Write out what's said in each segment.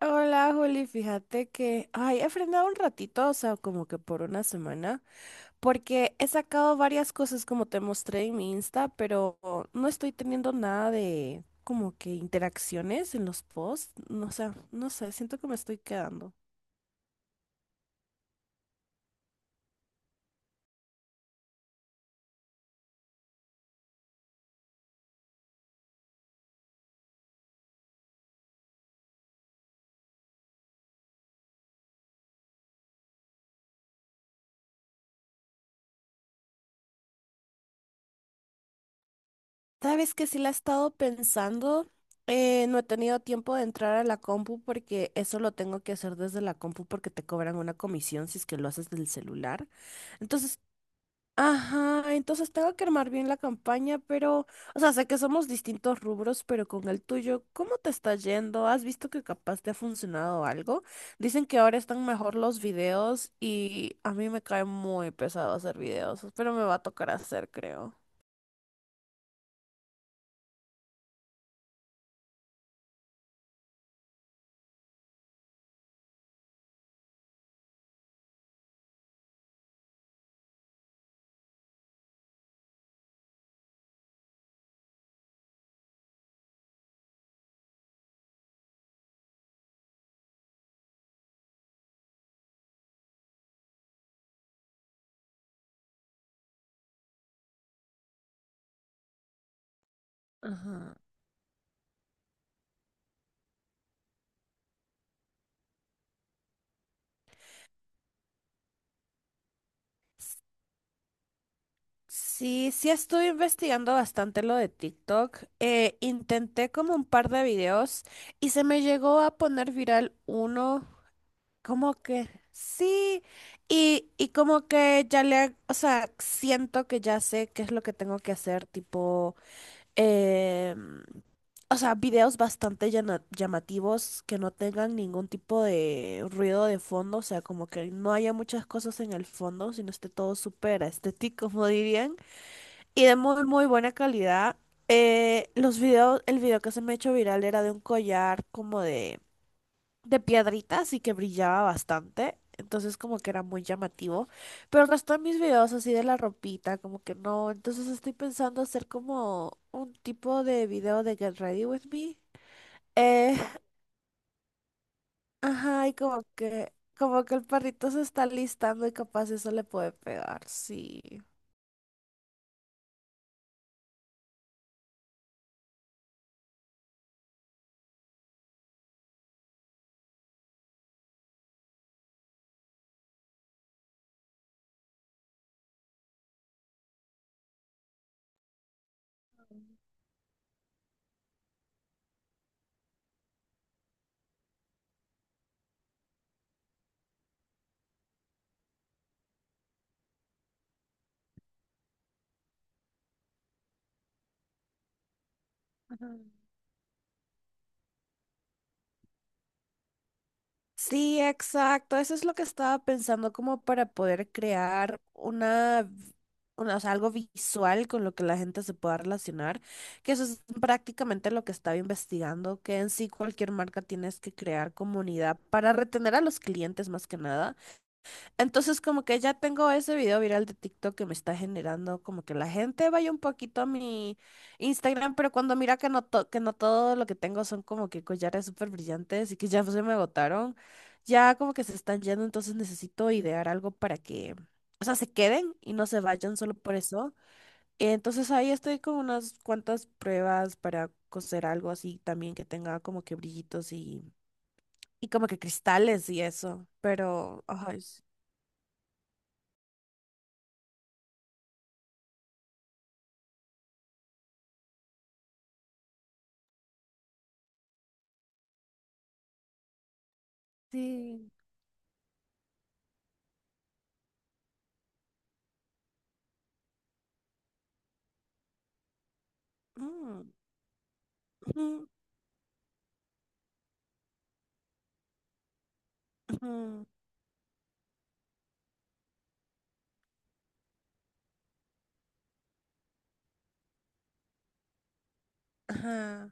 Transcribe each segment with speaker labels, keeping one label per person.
Speaker 1: Hola, Juli, fíjate que, ay, he frenado un ratito, o sea, como que por una semana, porque he sacado varias cosas como te mostré en mi Insta, pero no estoy teniendo nada de como que interacciones en los posts, no sé, siento que me estoy quedando. Sabes que sí la he estado pensando, no he tenido tiempo de entrar a la compu porque eso lo tengo que hacer desde la compu porque te cobran una comisión si es que lo haces del celular. Entonces Ajá, entonces tengo que armar bien la campaña, pero, o sea, sé que somos distintos rubros, pero con el tuyo, ¿cómo te está yendo? ¿Has visto que capaz te ha funcionado algo? Dicen que ahora están mejor los videos y a mí me cae muy pesado hacer videos, pero me va a tocar hacer, creo. Ajá. S- Sí, sí estoy investigando bastante lo de TikTok. Intenté como un par de videos y se me llegó a poner viral uno. Como que sí, y como que ya le, o sea, siento que ya sé qué es lo que tengo que hacer, tipo, em, o sea, videos bastante llamativos que no tengan ningún tipo de ruido de fondo, o sea, como que no haya muchas cosas en el fondo, sino esté todo súper estético, como dirían, y de muy, muy buena calidad. El video que se me ha hecho viral era de un collar como de piedritas y que brillaba bastante. Entonces como que era muy llamativo. Pero el resto de mis videos así de la ropita, como que no. Entonces estoy pensando hacer como un tipo de video de Get Ready With Me. Eh, ajá, como que el perrito se está listando y capaz eso le puede pegar, sí. Sí, exacto. Eso es lo que estaba pensando, como para poder crear una, o sea, algo visual con lo que la gente se pueda relacionar, que eso es prácticamente lo que estaba investigando, que en sí cualquier marca tienes que crear comunidad para retener a los clientes más que nada. Entonces como que ya tengo ese video viral de TikTok que me está generando como que la gente vaya un poquito a mi Instagram, pero cuando mira que no, que no todo lo que tengo son como que collares súper brillantes y que ya se me agotaron, ya como que se están yendo, entonces necesito idear algo para que, o sea, se queden y no se vayan solo por eso. Entonces ahí estoy con unas cuantas pruebas para coser algo así también que tenga como que brillitos y como que cristales y eso, pero... Ay, sí. Mm, ujú, ujú, ajá.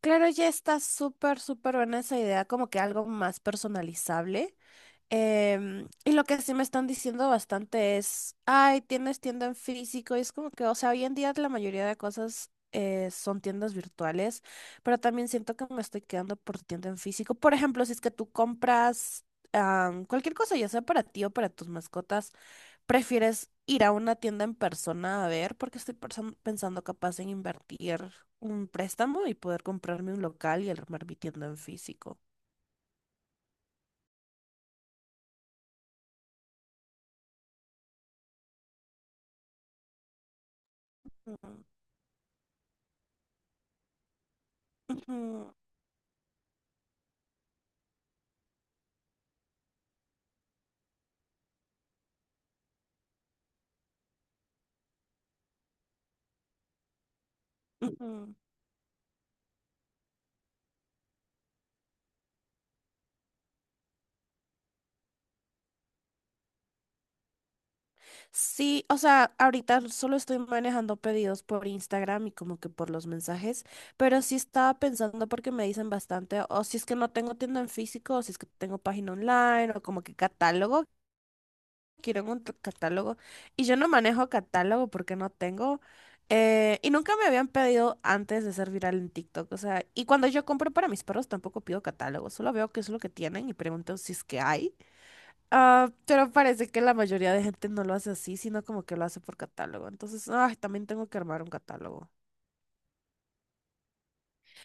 Speaker 1: Claro, ya está súper, súper buena esa idea, como que algo más personalizable. Y lo que sí me están diciendo bastante es, ay, tienes tienda en físico, y es como que, o sea, hoy en día la mayoría de cosas son tiendas virtuales, pero también siento que me estoy quedando por tienda en físico. Por ejemplo, si es que tú compras cualquier cosa, ya sea para ti o para tus mascotas. ¿Prefieres ir a una tienda en persona a ver? Porque estoy pensando capaz en invertir un préstamo y poder comprarme un local y armar mi tienda en físico. Mm, ujú, ujú. Sí, o sea, ahorita solo estoy manejando pedidos por Instagram y como que por los mensajes, pero sí estaba pensando porque me dicen bastante, o si es que no tengo tienda en físico, o si es que tengo página online, o como que catálogo, quiero un catálogo y yo no manejo catálogo porque no tengo y nunca me habían pedido antes de ser viral en TikTok, o sea, y cuando yo compro para mis perros tampoco pido catálogo, solo veo qué es lo que tienen y pregunto si es que hay. Ah, pero parece que la mayoría de gente no lo hace así, sino como que lo hace por catálogo. Entonces, ay, también tengo que armar un catálogo.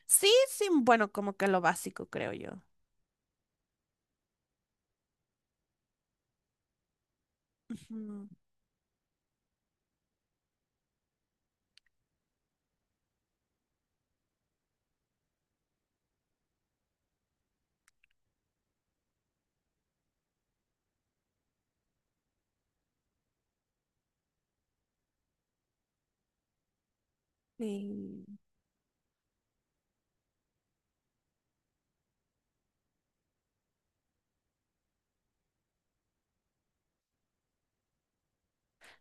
Speaker 1: Sí, sí, bueno, como que lo básico, creo yo. Ujú. Sí.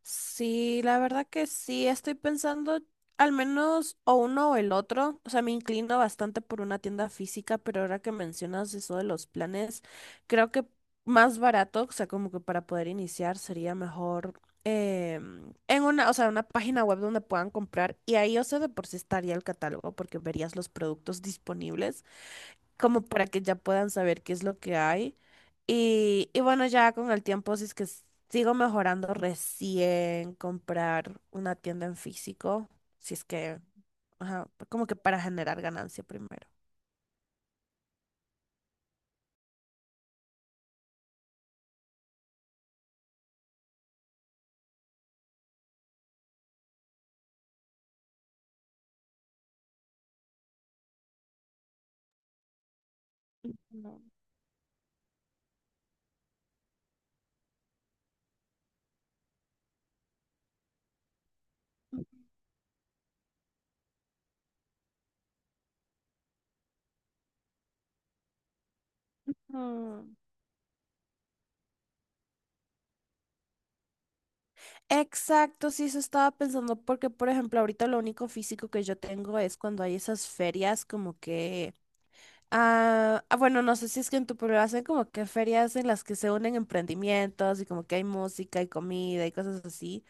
Speaker 1: Sí, la verdad que sí, estoy pensando al menos o uno o el otro. O sea, me inclino bastante por una tienda física, pero ahora que mencionas eso de los planes, creo que más barato, o sea, como que para poder iniciar sería mejor en una, o sea, una página web donde puedan comprar y ahí, o sea, de por sí estaría el catálogo porque verías los productos disponibles como para que ya puedan saber qué es lo que hay. Y bueno, ya con el tiempo, si es que sigo mejorando, recién comprar una tienda en físico, si es que, ajá, como que para generar ganancia primero. No. Mm. Exacto, sí, eso estaba pensando porque, por ejemplo, ahorita lo único físico que yo tengo es cuando hay esas ferias como que bueno, no sé si es que en tu pueblo hacen como que ferias en las que se unen emprendimientos y como que hay música y comida y cosas así.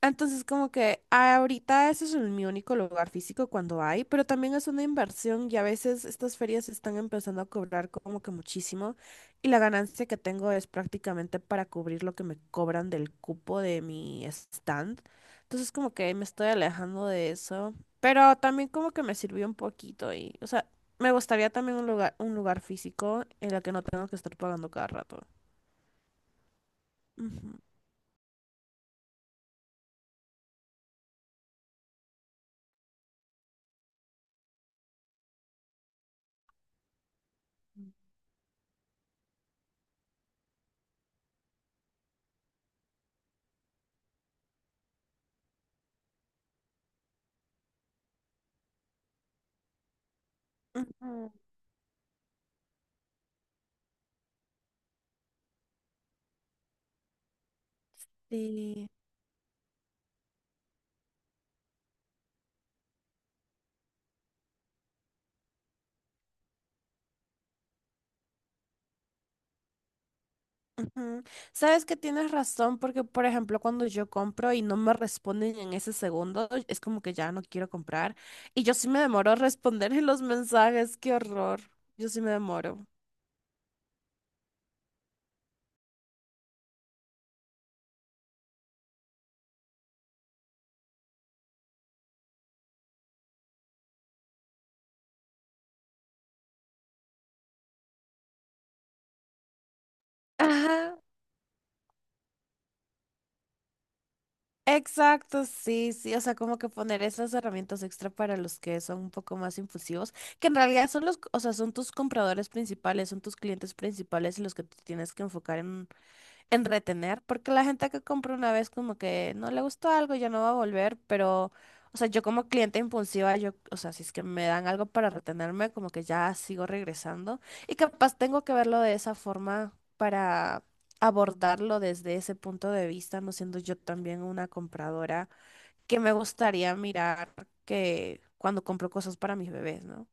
Speaker 1: Entonces, como que ahorita ese es mi único lugar físico cuando hay, pero también es una inversión y a veces estas ferias están empezando a cobrar como que muchísimo y la ganancia que tengo es prácticamente para cubrir lo que me cobran del cupo de mi stand. Entonces, como que me estoy alejando de eso, pero también como que me sirvió un poquito y, o sea, me gustaría también un lugar físico en el que no tengo que estar pagando cada rato. Ujú. Ujú. Sí. Ujú. Sabes que tienes razón porque, por ejemplo, cuando yo compro y no me responden en ese segundo, es como que ya no quiero comprar. Y yo sí me demoro a responder en los mensajes, qué horror. Yo sí me demoro. Ajá, exacto, sí, sí, o sea, como que poner esas herramientas extra para los que son un poco más impulsivos, que en realidad son los, o sea, son tus compradores principales, son tus clientes principales y los que tú tienes que enfocar en retener, porque la gente que compra una vez como que no le gustó algo, ya no va a volver, pero, o sea, yo como cliente impulsiva, yo, o sea, si es que me dan algo para retenerme, como que ya sigo regresando y capaz tengo que verlo de esa forma para abordarlo desde ese punto de vista, no siendo yo también una compradora, que me gustaría mirar que cuando compro cosas para mis bebés, ¿no?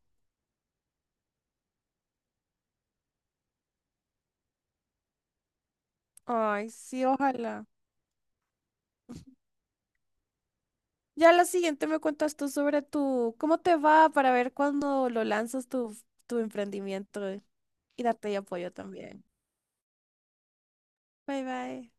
Speaker 1: Ay, sí, ojalá. Ya la siguiente me cuentas tú sobre tu, cómo te va para ver cuándo lo lanzas tu, tu emprendimiento y darte apoyo también. Bye bye.